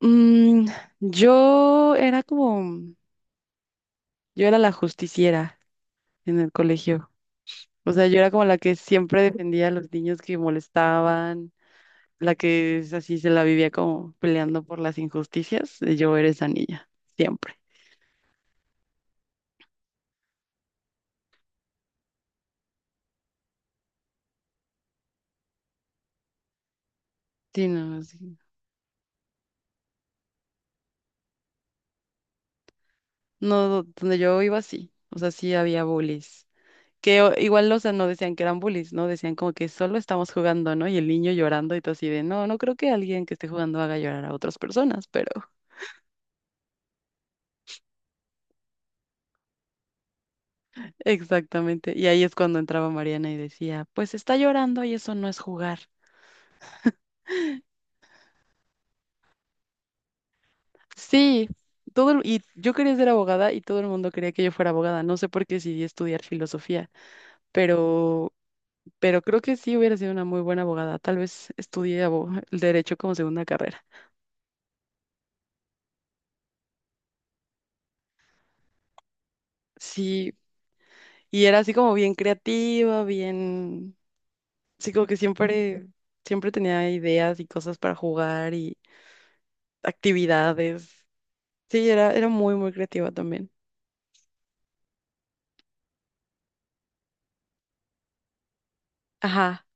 Mm, yo era como, yo era la justiciera en el colegio. O sea, yo era como la que siempre defendía a los niños que molestaban, la que es así se la vivía como peleando por las injusticias. Yo era esa niña, siempre. Sí, no, sí. No, donde yo iba sí. O sea, sí había bullies. Que o- igual, o sea, no decían que eran bullies, ¿no? Decían como que solo estamos jugando, ¿no? Y el niño llorando y todo así de, no, no creo que alguien que esté jugando haga llorar a otras personas. Exactamente. Y ahí es cuando entraba Mariana y decía, pues está llorando y eso no es jugar. Sí, todo el- y yo quería ser abogada y todo el mundo quería que yo fuera abogada. No sé por qué decidí estudiar filosofía, pero, pero creo que sí hubiera sido una muy buena abogada. Tal vez estudié abo- el derecho como segunda carrera. Sí, y era así como bien creativa, bien, sí, como que siempre, siempre tenía ideas y cosas para jugar y actividades. Sí, era, era muy creativa también. Ajá.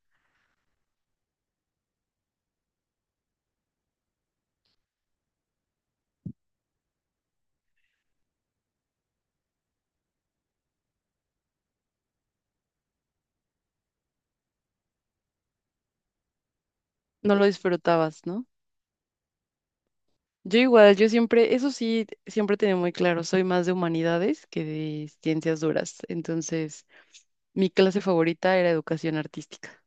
No lo disfrutabas, ¿no? Yo igual, yo siempre, eso sí, siempre tenía muy claro, soy más de humanidades que de ciencias duras. Entonces, mi clase favorita era educación artística.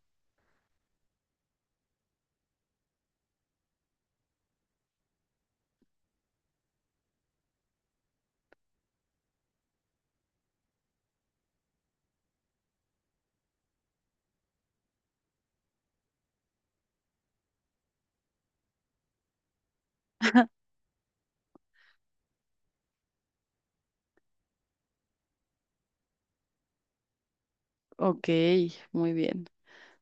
Ok, muy bien.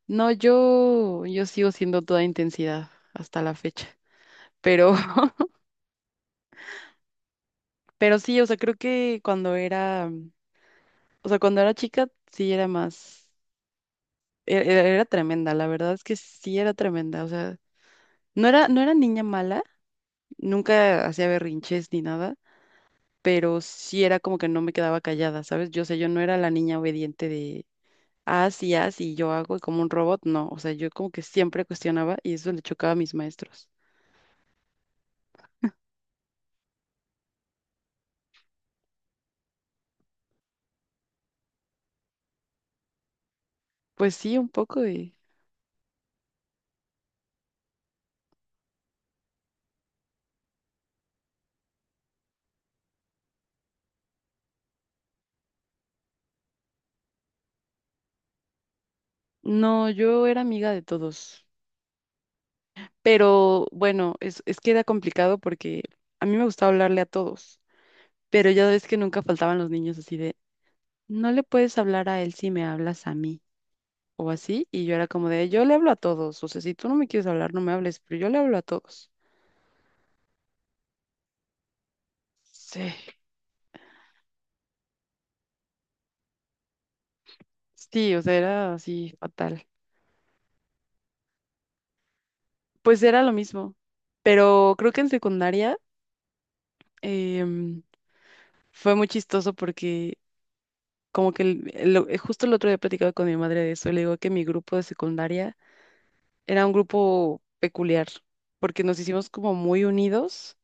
No, yo sigo siendo toda intensidad hasta la fecha. Pero, pero sí, o sea, creo que o sea, cuando era chica, sí era más, e- era, era tremenda, la verdad es que sí era tremenda. O sea, no era niña mala, nunca hacía berrinches ni nada pero sí era como que no me quedaba callada, ¿sabes? Yo sé, yo no era la niña obediente de, haz y haz y yo hago y como un robot, no, o sea, yo como que siempre cuestionaba y eso le chocaba a mis maestros. Pues sí, un poco de... No, yo era amiga de todos, pero bueno, es que era complicado porque a mí me gustaba hablarle a todos, pero ya ves que nunca faltaban los niños así de, no le puedes hablar a él si me hablas a mí. O así, y yo era como de, yo le hablo a todos, o sea, si tú no me quieres hablar, no me hables, pero yo le hablo a todos. Sí. Sí, o sea, era así fatal. Pues era lo mismo, pero creo que en secundaria em, fue muy chistoso porque como que el- lo- justo el otro día platicaba con mi madre de eso, le digo que mi grupo de secundaria era un grupo peculiar porque nos hicimos como muy unidos,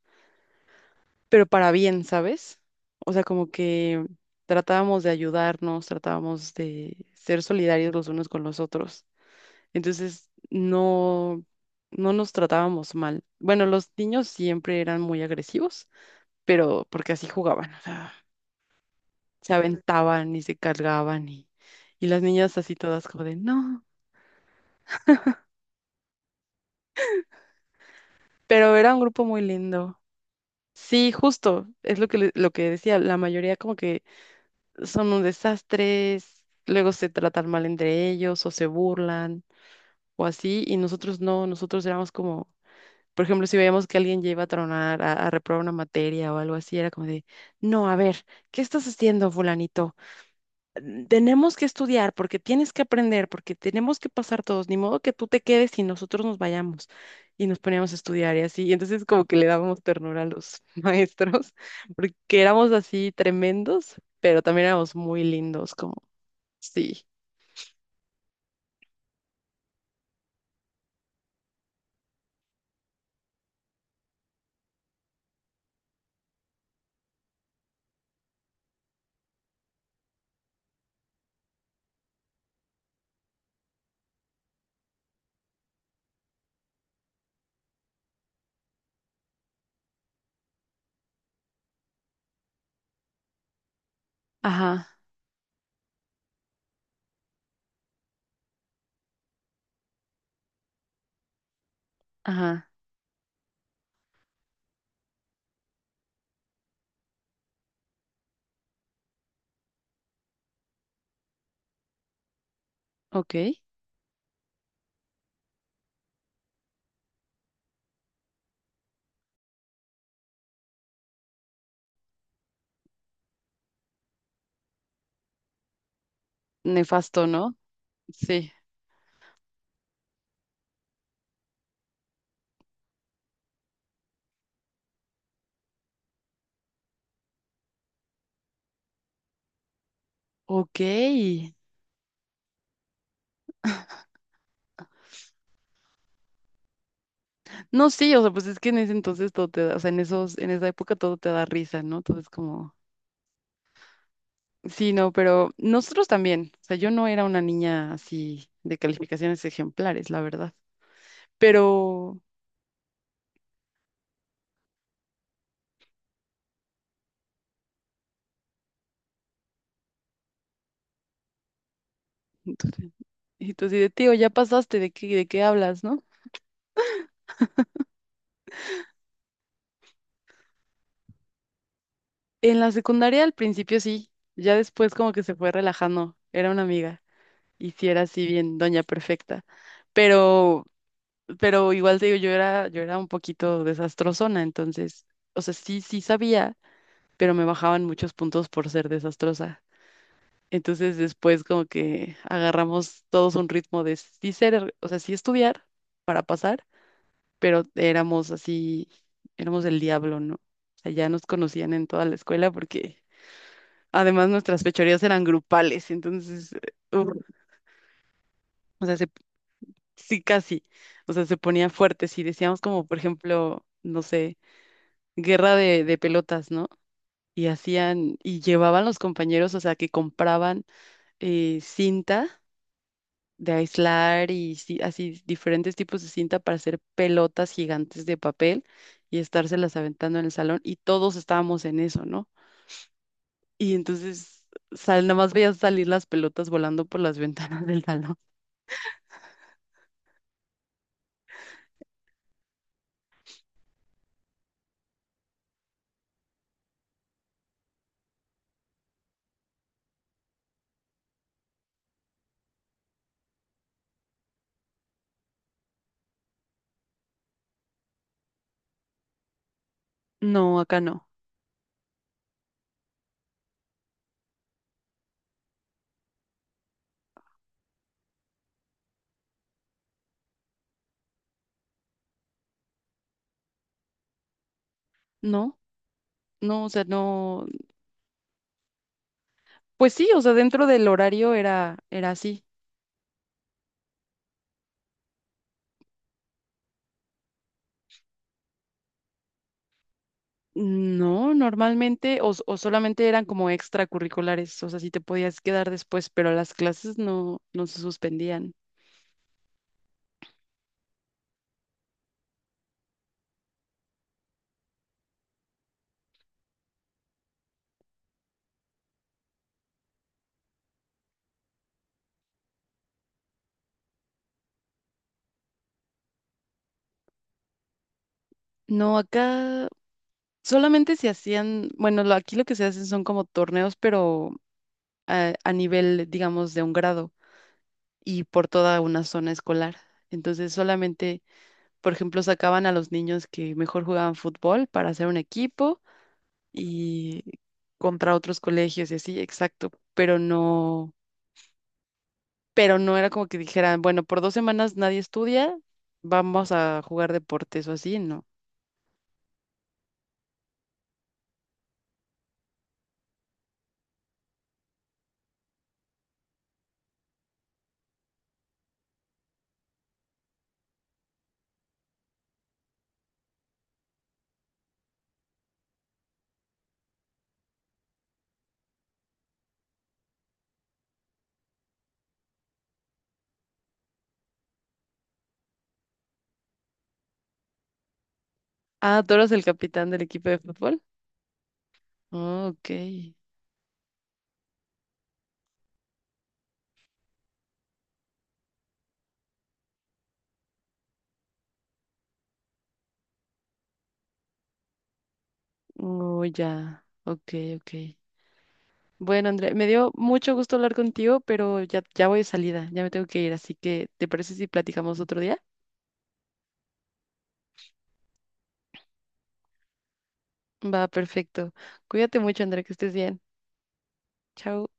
pero para bien, ¿sabes? O sea, como que tratábamos de ayudarnos, tratábamos de ser solidarios los unos con los otros. Entonces, no, no nos tratábamos mal. Bueno, los niños siempre eran muy agresivos, pero porque así jugaban, o sea, se aventaban y se cargaban y las niñas así todas como de, no, pero era un grupo muy lindo. Sí, justo, es lo que, le- lo que decía, la mayoría como que son un desastre, luego se tratan mal entre ellos o se burlan o así, y nosotros no, nosotros éramos como Por ejemplo, si veíamos que alguien ya iba a tronar, a reprobar una materia o algo así, era como de, no, a ver, ¿qué estás haciendo, fulanito? Mm, tenemos que estudiar porque tienes que aprender, porque tenemos que pasar todos, ni modo que tú te quedes y nosotros nos vayamos y nos poníamos a estudiar y así. Y entonces como que le dábamos ternura a los maestros, porque éramos así tremendos, pero también éramos muy lindos, como, sí, ajá, ajá, ok, nefasto, ¿no? Sí, ok. No, sí, o sea, pues es que en ese entonces todo te da, o sea, en esa época todo te da risa, ¿no? Todo es como, sí, no, pero nosotros también, o sea, yo no era una niña así de calificaciones ejemplares, la verdad, pero, y tú así de, tío, ya pasaste, de qué hablas, no? En la secundaria al principio sí, ya después como que se fue relajando, era una amiga, y sí era así bien, doña perfecta, pero, pero igual te digo, yo era un poquito desastrosona, entonces, o sea, sí, sí sabía pero me bajaban muchos puntos por ser desastrosa. Entonces después como que agarramos todos un ritmo de sí ser, o sea, sí estudiar para pasar, pero éramos así, éramos el diablo, ¿no? O sea, ya nos conocían en toda la escuela porque además nuestras fechorías eran grupales, entonces, uf, o sea, se- sí casi, o sea, se ponía fuerte, si decíamos como, por ejemplo, no sé, guerra de pelotas, ¿no? Y hacían, y llevaban los compañeros, o sea, que compraban cinta de aislar y ci- así diferentes tipos de cinta para hacer pelotas gigantes de papel y estárselas aventando en el salón y todos estábamos en eso, ¿no? Y entonces sal, nada más veías salir las pelotas volando por las ventanas del salón. No, acá no. No, no, o sea, no, pues sí, o sea, dentro del horario era, era así. No, normalmente, o, s- o solamente eran como extracurriculares, o sea, sí te podías quedar después, pero las clases no, no se suspendían. No, acá solamente se hacían, bueno, lo- aquí lo que se hacen son como torneos, pero a nivel, digamos, de un grado y por toda una zona escolar. Entonces solamente, por ejemplo, sacaban a los niños que mejor jugaban fútbol para hacer un equipo y contra otros colegios y así, exacto, pero no era como que dijeran, bueno, por 2 semanas nadie estudia, vamos a jugar deportes o así, no. Ah, tú eras el capitán del equipo de fútbol. Oh, ok. Oh, ya. Ok, ok. Bueno, Andrea, me dio mucho gusto hablar contigo, pero ya, ya voy de salida, ya me tengo que ir, así que ¿te parece si platicamos otro día? Va, perfecto. Cuídate mucho, Andrea, que estés bien. Chao.